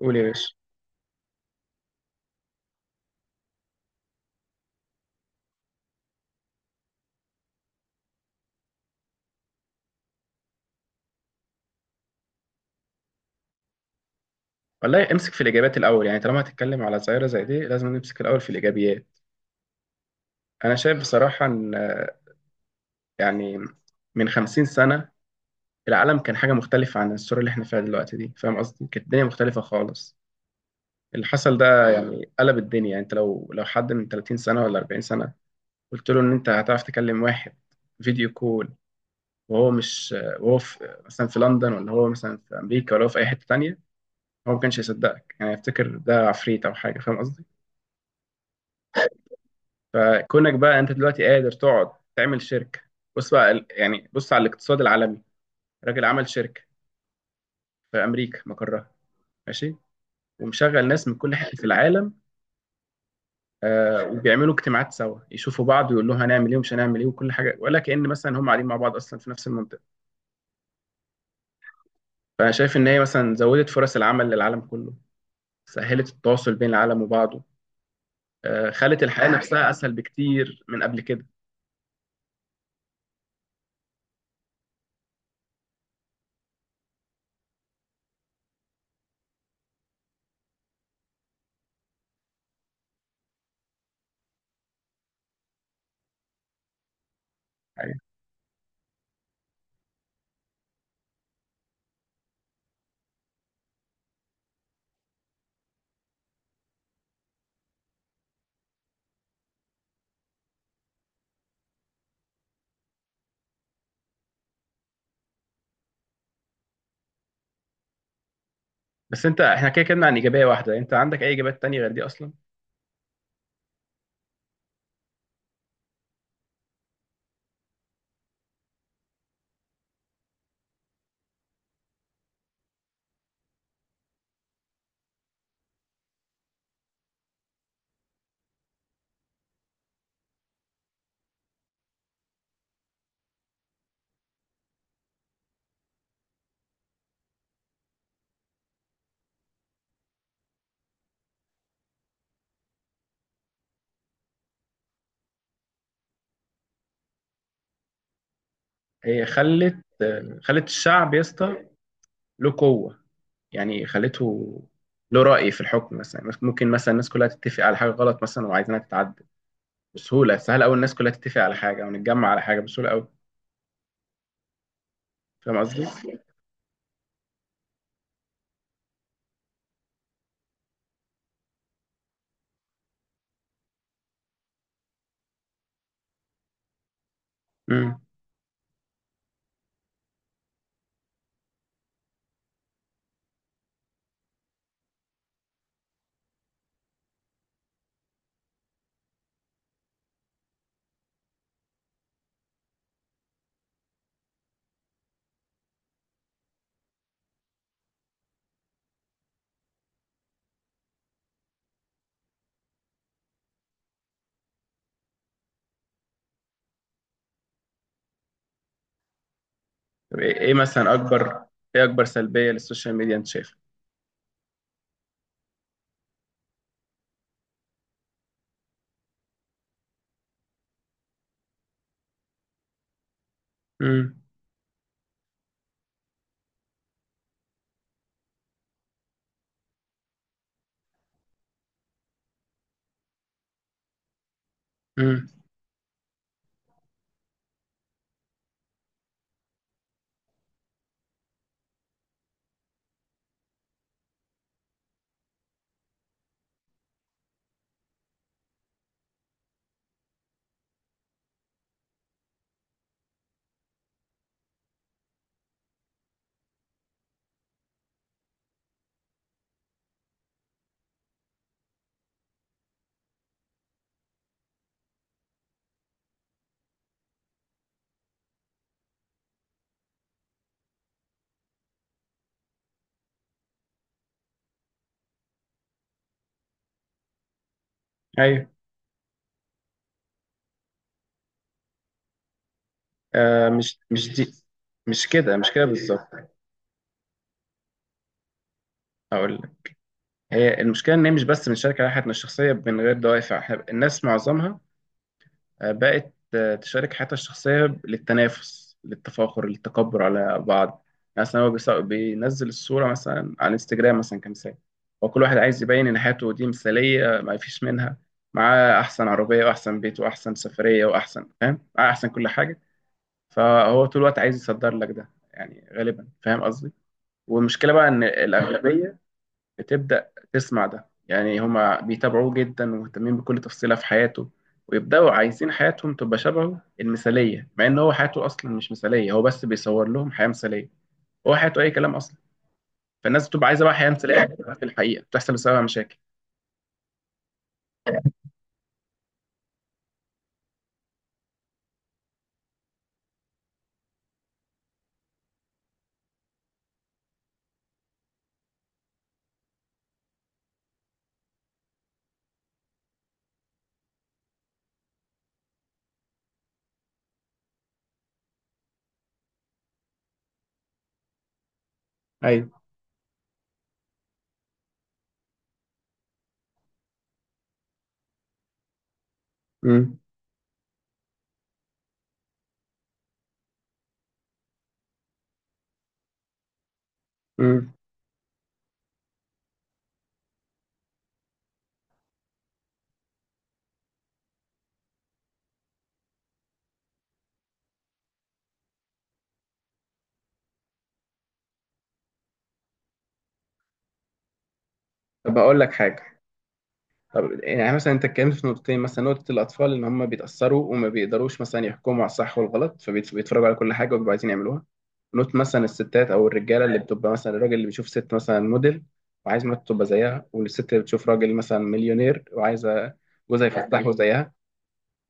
قول يا باشا. والله امسك في الاجابات الاول، يعني طالما هتتكلم على ظاهره زي دي لازم نمسك الاول في الايجابيات. انا شايف بصراحه ان يعني من 50 سنه العالم كان حاجه مختلفه عن الصوره اللي احنا فيها دلوقتي دي، فاهم قصدي؟ كانت الدنيا مختلفه خالص. اللي حصل ده يعني قلب الدنيا. يعني انت لو حد من 30 سنه ولا 40 سنه قلت له ان انت هتعرف تكلم واحد فيديو كول وهو مش وهو في مثلا في لندن ولا هو مثلا في امريكا ولا هو في اي حته تانيه، هو ما كانش هيصدقك، يعني يفتكر ده عفريت او حاجه، فاهم. فكونك بقى انت دلوقتي قادر تقعد تعمل شركه، بص بقى يعني بص على الاقتصاد العالمي. راجل عمل شركه في امريكا مقرها، ماشي، ومشغل ناس من كل حته في العالم. وبيعملوا اجتماعات سوا يشوفوا بعض ويقول له هنعمل ايه ومش هنعمل ايه وكل حاجه، ولا كأن مثلا هم قاعدين مع بعض اصلا في نفس المنطقه. فانا شايف ان هي مثلا زودت فرص العمل للعالم كله، سهلت التواصل بين العالم وبعضه. خلت الحياه نفسها اسهل بكتير من قبل كده. يعني. بس انت احنا كده كده عن ايجابيه واحده، انت عندك اي ايجابيات تانية غير دي اصلا؟ هي خلت الشعب يا اسطى له قوه، يعني خلته له راي في الحكم. مثلا ممكن مثلا الناس كلها تتفق على حاجه غلط مثلا وعايزينها تتعدل بسهوله. سهل قوي الناس كلها تتفق على حاجه ونتجمع على حاجه بسهوله قوي. فاهم قصدي؟ امم. طب، ايه اكبر سلبيه للسوشيال ميديا انت شايفها؟ امم. امم. ايوه. آه، مش دي. مش كده، مش كده بالظبط. هقول لك. هي المشكله ان هي مش بس بنشارك على حياتنا الشخصيه من غير دوافع، الناس معظمها بقت تشارك حياتها الشخصية للتنافس للتفاخر للتكبر على بعض. يعني مثلا هو بينزل الصورة مثلا على الانستجرام مثلا كمثال. هو كل واحد عايز يبين إن حياته دي مثالية ما فيش منها، معاه أحسن عربية وأحسن بيت وأحسن سفرية وأحسن فاهم، معاه أحسن كل حاجة. فهو طول الوقت عايز يصدر لك ده يعني غالبا، فاهم قصدي؟ والمشكلة بقى إن الأغلبية بتبدأ تسمع ده، يعني هما بيتابعوه جدا ومهتمين بكل تفصيلة في حياته، ويبدأوا عايزين حياتهم تبقى شبهه المثالية مع إن هو حياته أصلا مش مثالية، هو بس بيصور لهم حياة مثالية. هو حياته أي كلام أصلا. فالناس بتبقى عايزة بقى حياة مثالية، في الحقيقة بتحصل بسببها مشاكل. أيوه. امم. امم. طب أقول لك حاجة. طب يعني مثلا انت اتكلمت في نقطتين، مثلا نقطه الاطفال ان هم بيتاثروا وما بيقدروش مثلا يحكموا على الصح والغلط فبيتفرجوا على كل حاجه وبيبقوا عايزين يعملوها. نقطه مثلا الستات او الرجاله، اللي بتبقى مثلا الراجل اللي بيشوف ست مثلا موديل وعايز مراته تبقى زيها، والست اللي بتشوف راجل مثلا مليونير وعايزه جوزها يفسحه زيها.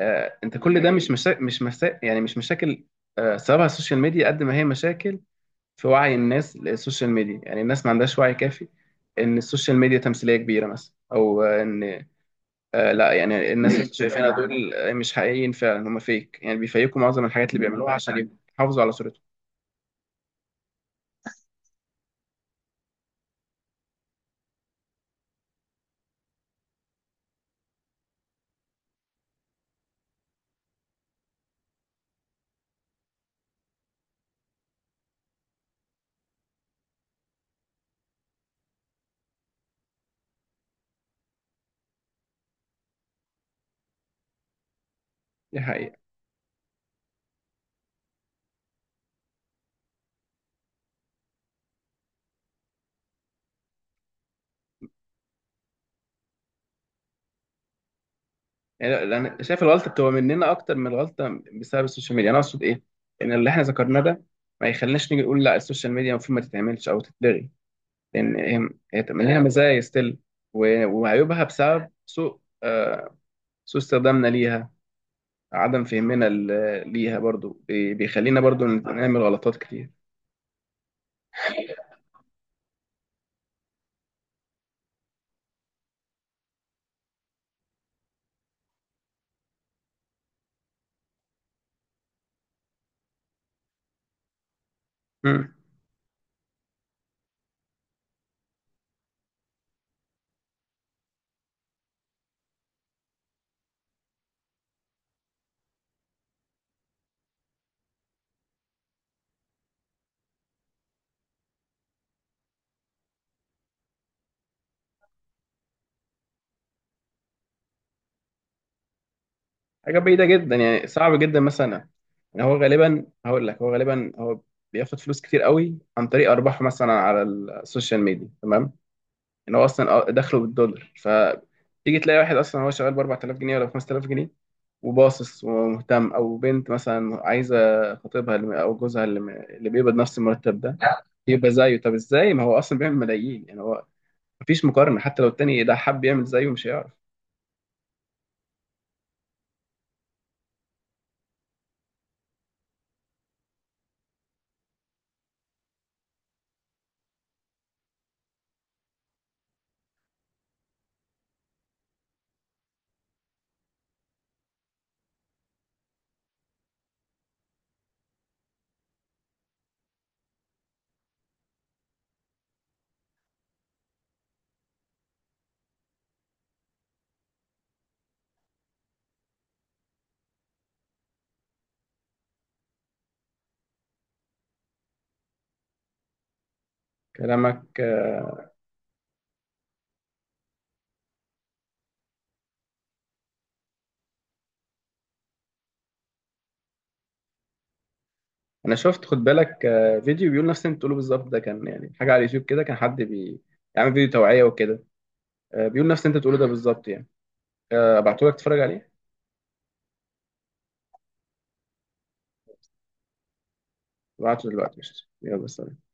آه، انت كل ده مش مشا... مش مسا... يعني مش مشاكل. سببها السوشيال ميديا، قد ما هي مشاكل في وعي الناس للسوشيال ميديا. يعني الناس ما عندهاش وعي كافي ان السوشيال ميديا تمثيليه كبيره مثلا، او ان لا، يعني الناس اللي شايفينها دول مش حقيقيين فعلا، هم فيك، يعني بيفيكوا معظم الحاجات اللي بيعملوها عشان يحافظوا على صورتهم. دي حقيقة. يعني لأن شايف الغلطة بتبقى مننا أكتر من الغلطة بسبب السوشيال ميديا. أنا أقصد إيه؟ إن اللي إحنا ذكرناه ده ما يخليناش نيجي نقول لا، السوشيال ميديا المفروض ما تتعملش أو تتلغي، لأن هي هي تبقى ليها مزايا ستيل وعيوبها بسبب سوء سوء استخدامنا ليها. عدم فهمنا ليها برضو بيخلينا برضو نعمل غلطات كتير. حاجه بعيده جدا، يعني صعب جدا مثلا. يعني هو غالبا هقول لك، هو غالبا هو بياخد فلوس كتير قوي عن طريق ارباح مثلا على السوشيال ميديا، تمام، ان هو اصلا دخله بالدولار. فتيجي تلاقي واحد اصلا هو شغال ب 4000 جنيه ولا ب 5000 جنيه وباصص ومهتم، او بنت مثلا عايزه خطيبها او جوزها اللي بيقبض نفس المرتب ده يبقى زيه. طب ازاي، ما هو اصلا بيعمل ملايين، يعني هو مفيش مقارنه، حتى لو التاني ده حب يعمل زيه مش هيعرف. كلامك. انا شفت خد بالك فيديو بيقول نفس اللي انت بتقوله بالظبط، ده كان يعني حاجه على اليوتيوب كده، كان حد يعمل فيديو توعيه وكده، بيقول نفس اللي انت بتقوله ده بالظبط يعني. ابعته لك تتفرج عليه. ابعته دلوقتي قشطة. يلا سلام.